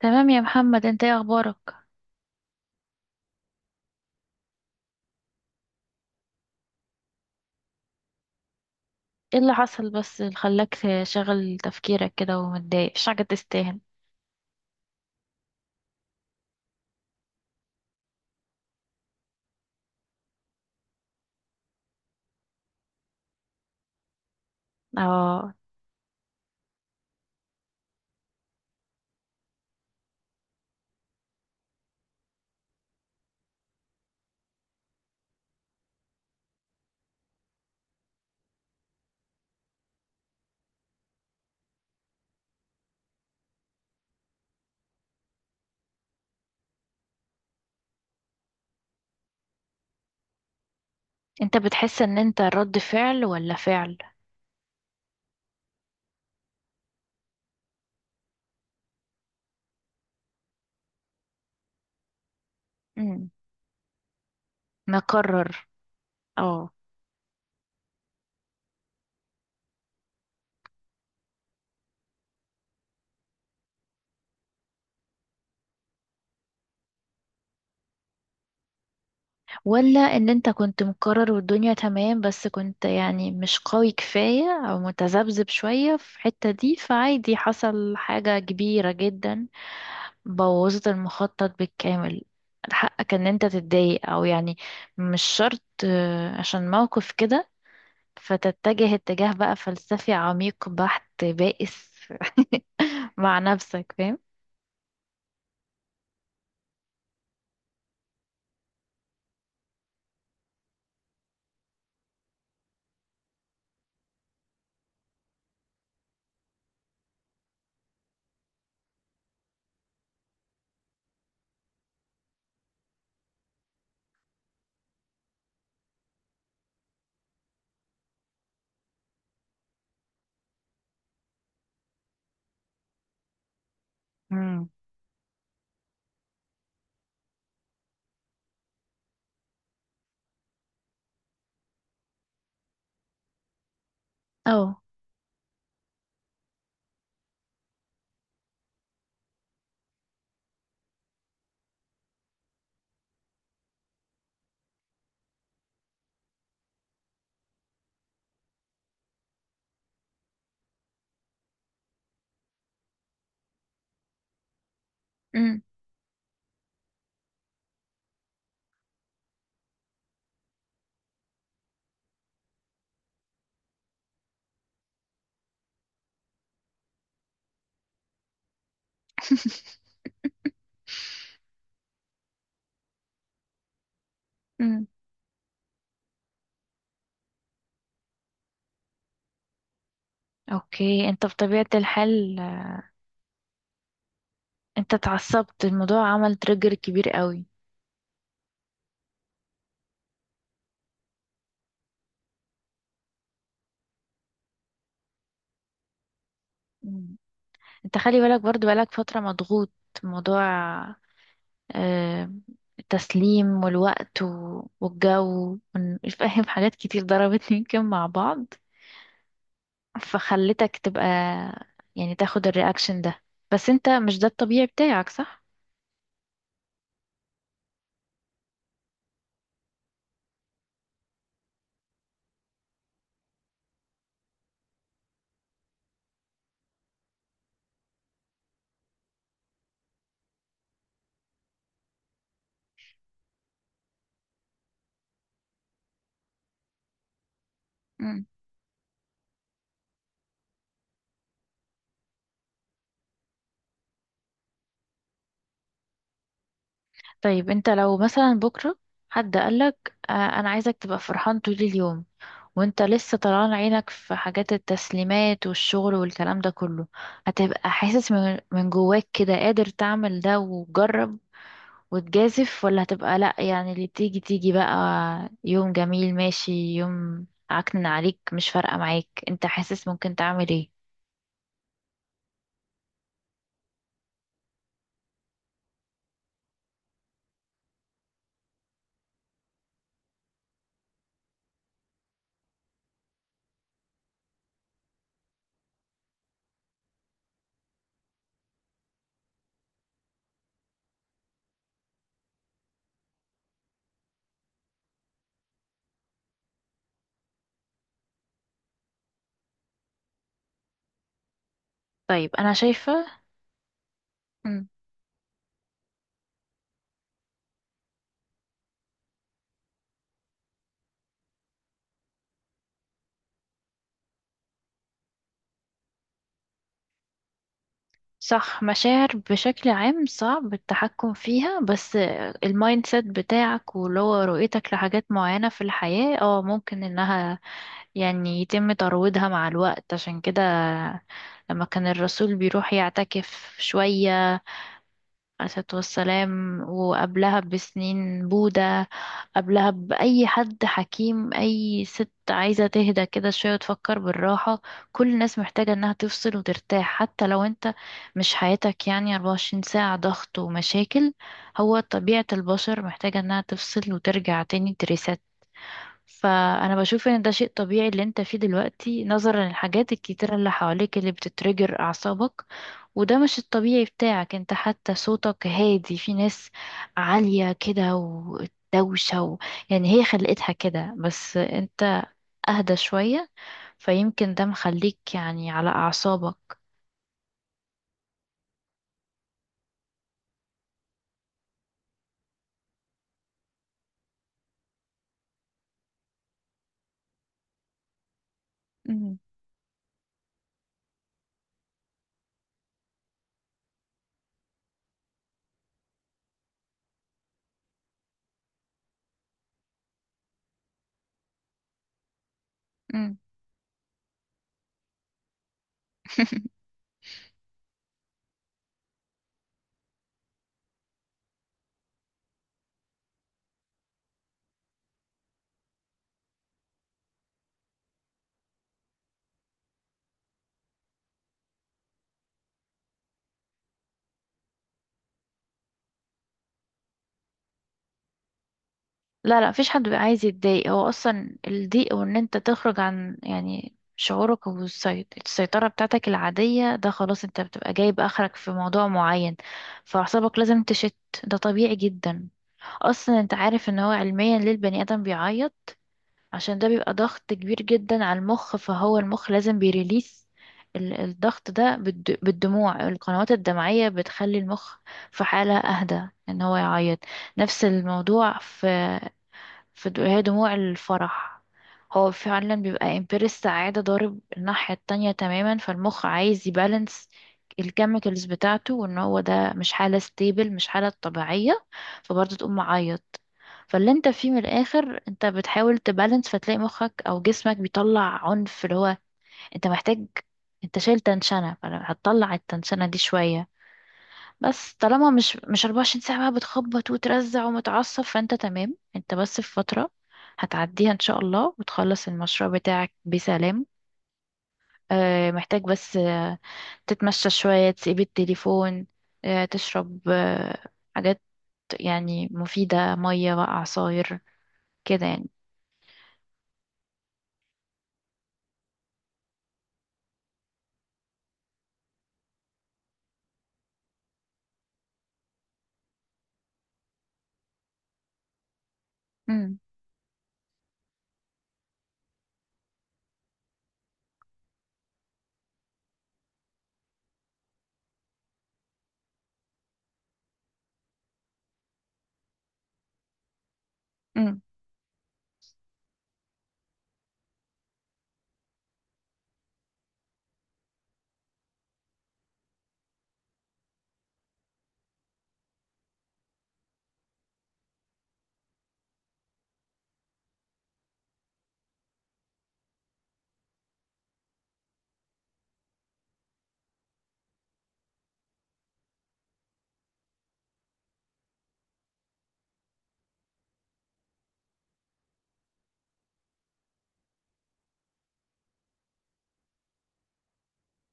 تمام يا محمد، انت ايه اخبارك؟ ايه اللي حصل بس اللي خلاك شغل تفكيرك كده ومتضايق؟ مش حاجة تستاهل. اه. انت بتحس ان انت رد فعل ولا فعل؟ امم. مقرر. اه. ولا ان انت كنت مقرر والدنيا تمام بس كنت يعني مش قوي كفاية او متذبذب شوية في الحتة دي، فعادي حصل حاجة كبيرة جدا بوظت المخطط بالكامل. حقك ان انت تتضايق او يعني مش شرط عشان موقف كده فتتجه اتجاه بقى فلسفي عميق بحت بائس مع نفسك، فاهم؟ مم. او. مم. مم. اوكي. انت بطبيعة الحال انت اتعصبت، الموضوع عمل تريجر كبير قوي. مم. انت خلي بالك، برضو بقالك فترة مضغوط، موضوع آه، التسليم والوقت و- والجو وإن- فاهم، حاجات كتير ضربت يمكن مع بعض فخلتك تبقى يعني تاخد الرياكشن ده. بس انت مش ده الطبيعي بتاعك صح؟ مم. طيب انت لو مثلا بكرة حد قالك انا عايزك تبقى فرحان طول اليوم وانت لسه طلعان عينك في حاجات التسليمات والشغل والكلام ده كله، هتبقى حاسس من جواك كده قادر تعمل ده وجرب وتجازف، ولا هتبقى لأ يعني اللي تيجي تيجي بقى؟ يوم جميل ماشي، يوم عكنن عليك مش فارقة معاك، انت حاسس ممكن تعمل ايه؟ طيب انا شايفة. مم. صح، مشاعر بشكل عام صعب التحكم فيها، بس المايند سيت بتاعك واللي هو رؤيتك لحاجات معينة في الحياة اه ممكن انها يعني يتم ترويضها مع الوقت. عشان كده لما كان الرسول بيروح يعتكف شوية الصلاة والسلام، وقبلها بسنين بوذا، قبلها بأي حد حكيم، أي ست عايزة تهدى كده شوية وتفكر بالراحة. كل الناس محتاجة إنها تفصل وترتاح، حتى لو أنت مش حياتك يعني 24 ساعة ضغط ومشاكل، هو طبيعة البشر محتاجة إنها تفصل وترجع تاني تريسات. فأنا بشوف إن ده شيء طبيعي اللي أنت فيه دلوقتي نظرا للحاجات الكتيرة اللي حواليك اللي بتترجر أعصابك، وده مش الطبيعي بتاعك انت، حتى صوتك هادي. في ناس عالية كده ودوشة يعني هي خلقتها كده، بس انت اهدى شوية. فيمكن ده مخليك يعني على اعصابك. مم. مم. لا لا، مفيش حد بيبقى عايز يتضايق. هو اصلا الضيق وان انت تخرج عن يعني شعورك والسيطرة بتاعتك العادية ده خلاص انت بتبقى جايب اخرك في موضوع معين، فاعصابك لازم تشت. ده طبيعي جدا. اصلا انت عارف ان هو علميا ليه البني ادم بيعيط؟ عشان ده بيبقى ضغط كبير جدا على المخ، فهو المخ لازم بيريليس ال- الضغط ده بالد- بالدموع. القنوات الدمعية بتخلي المخ في حالة اهدى ان هو يعيط. نفس الموضوع في فد- هي دموع الفرح، هو فعلا بيبقى امبير السعادة ضارب الناحية التانية تماما، فالمخ عايز يبالانس الكيميكالز بتاعته وان هو ده مش حالة ستيبل، مش حالة طبيعية، فبرضه تقوم معيط. فاللي انت فيه من الاخر انت بتحاول تبالانس، فتلاقي مخك او جسمك بيطلع عنف. اللي هو انت محتاج، انت شايل تنشنة فهتطلع التنشنة دي شوية. بس طالما مش 24 ساعة بقى بتخبط وترزع ومتعصب، فانت تمام، انت بس في فترة هتعديها ان شاء الله وتخلص المشروع بتاعك بسلام. محتاج بس تتمشى شوية، تسيب التليفون، تشرب حاجات يعني مفيدة، مية بقى، عصاير كده يعني. امم. امم.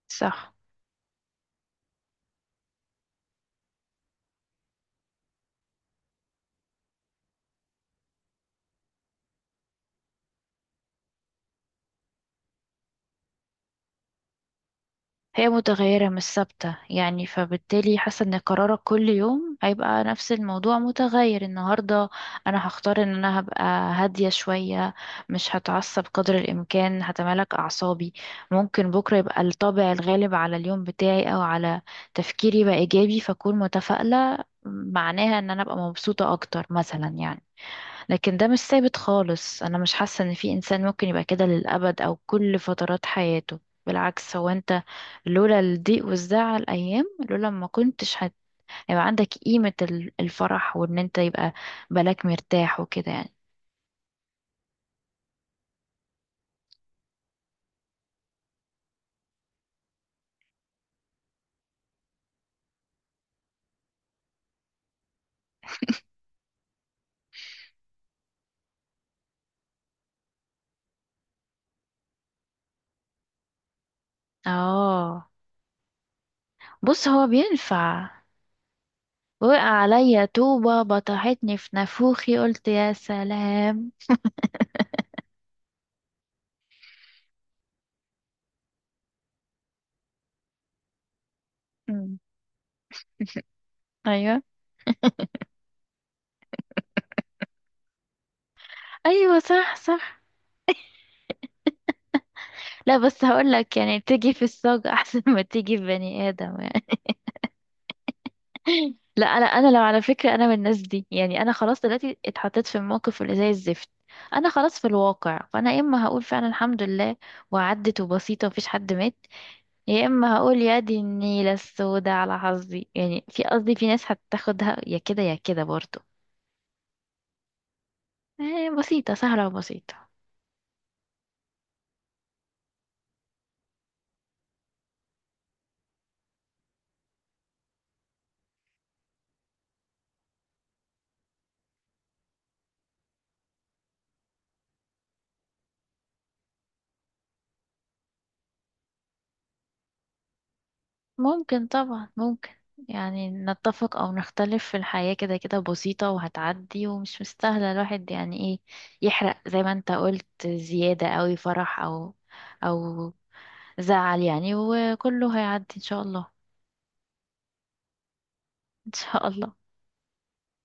صح. هي متغيرة مش ثابتة، يعني فبالتالي حاسة ان قرارك كل يوم هيبقى نفس الموضوع متغير. النهاردة انا هختار ان انا هبقى هادية شوية، مش هتعصب قدر الامكان، هتمالك اعصابي. ممكن بكرة يبقى الطابع الغالب على اليوم بتاعي او على تفكيري بقى ايجابي فاكون متفائلة، معناها ان انا ابقى مبسوطة اكتر مثلا يعني. لكن ده مش ثابت خالص، انا مش حاسة ان في انسان ممكن يبقى كده للابد او كل فترات حياته. بالعكس، هو انت لولا الضيق والزعل ايام، لولا ما كنتش هت- هيبقى عندك قيمة ال- الفرح وان انت يبقى بالك مرتاح وكده يعني. اه. بص هو بينفع. وقع عليا طوبة بطحتني في نافوخي، قلت يا سلام. مم. ايوه. ايوه صح، صح. لا بس هقول لك يعني تيجي في الصاج احسن ما تيجي في بني ادم يعني. لا انا لو على فكره، انا من الناس دي، يعني انا خلاص دلوقتي اتحطيت في الموقف اللي زي الزفت، انا خلاص في الواقع. فانا يا اما هقول فعلا الحمد لله وعدت وبسيطه ومفيش حد مات، يا اما هقول يا دي النيله السوداء على حظي. يعني في قصدي في ناس هتاخدها يا كده يا كده برضه. بسيطه، سهله وبسيطه. ممكن طبعا ممكن، يعني نتفق او نختلف في الحياة كده كده بسيطة وهتعدي ومش مستاهلة الواحد يعني ايه يحرق، زي ما انت قلت زيادة اوي فرح او او زعل يعني. وكله هيعدي ان شاء الله. ان شاء الله.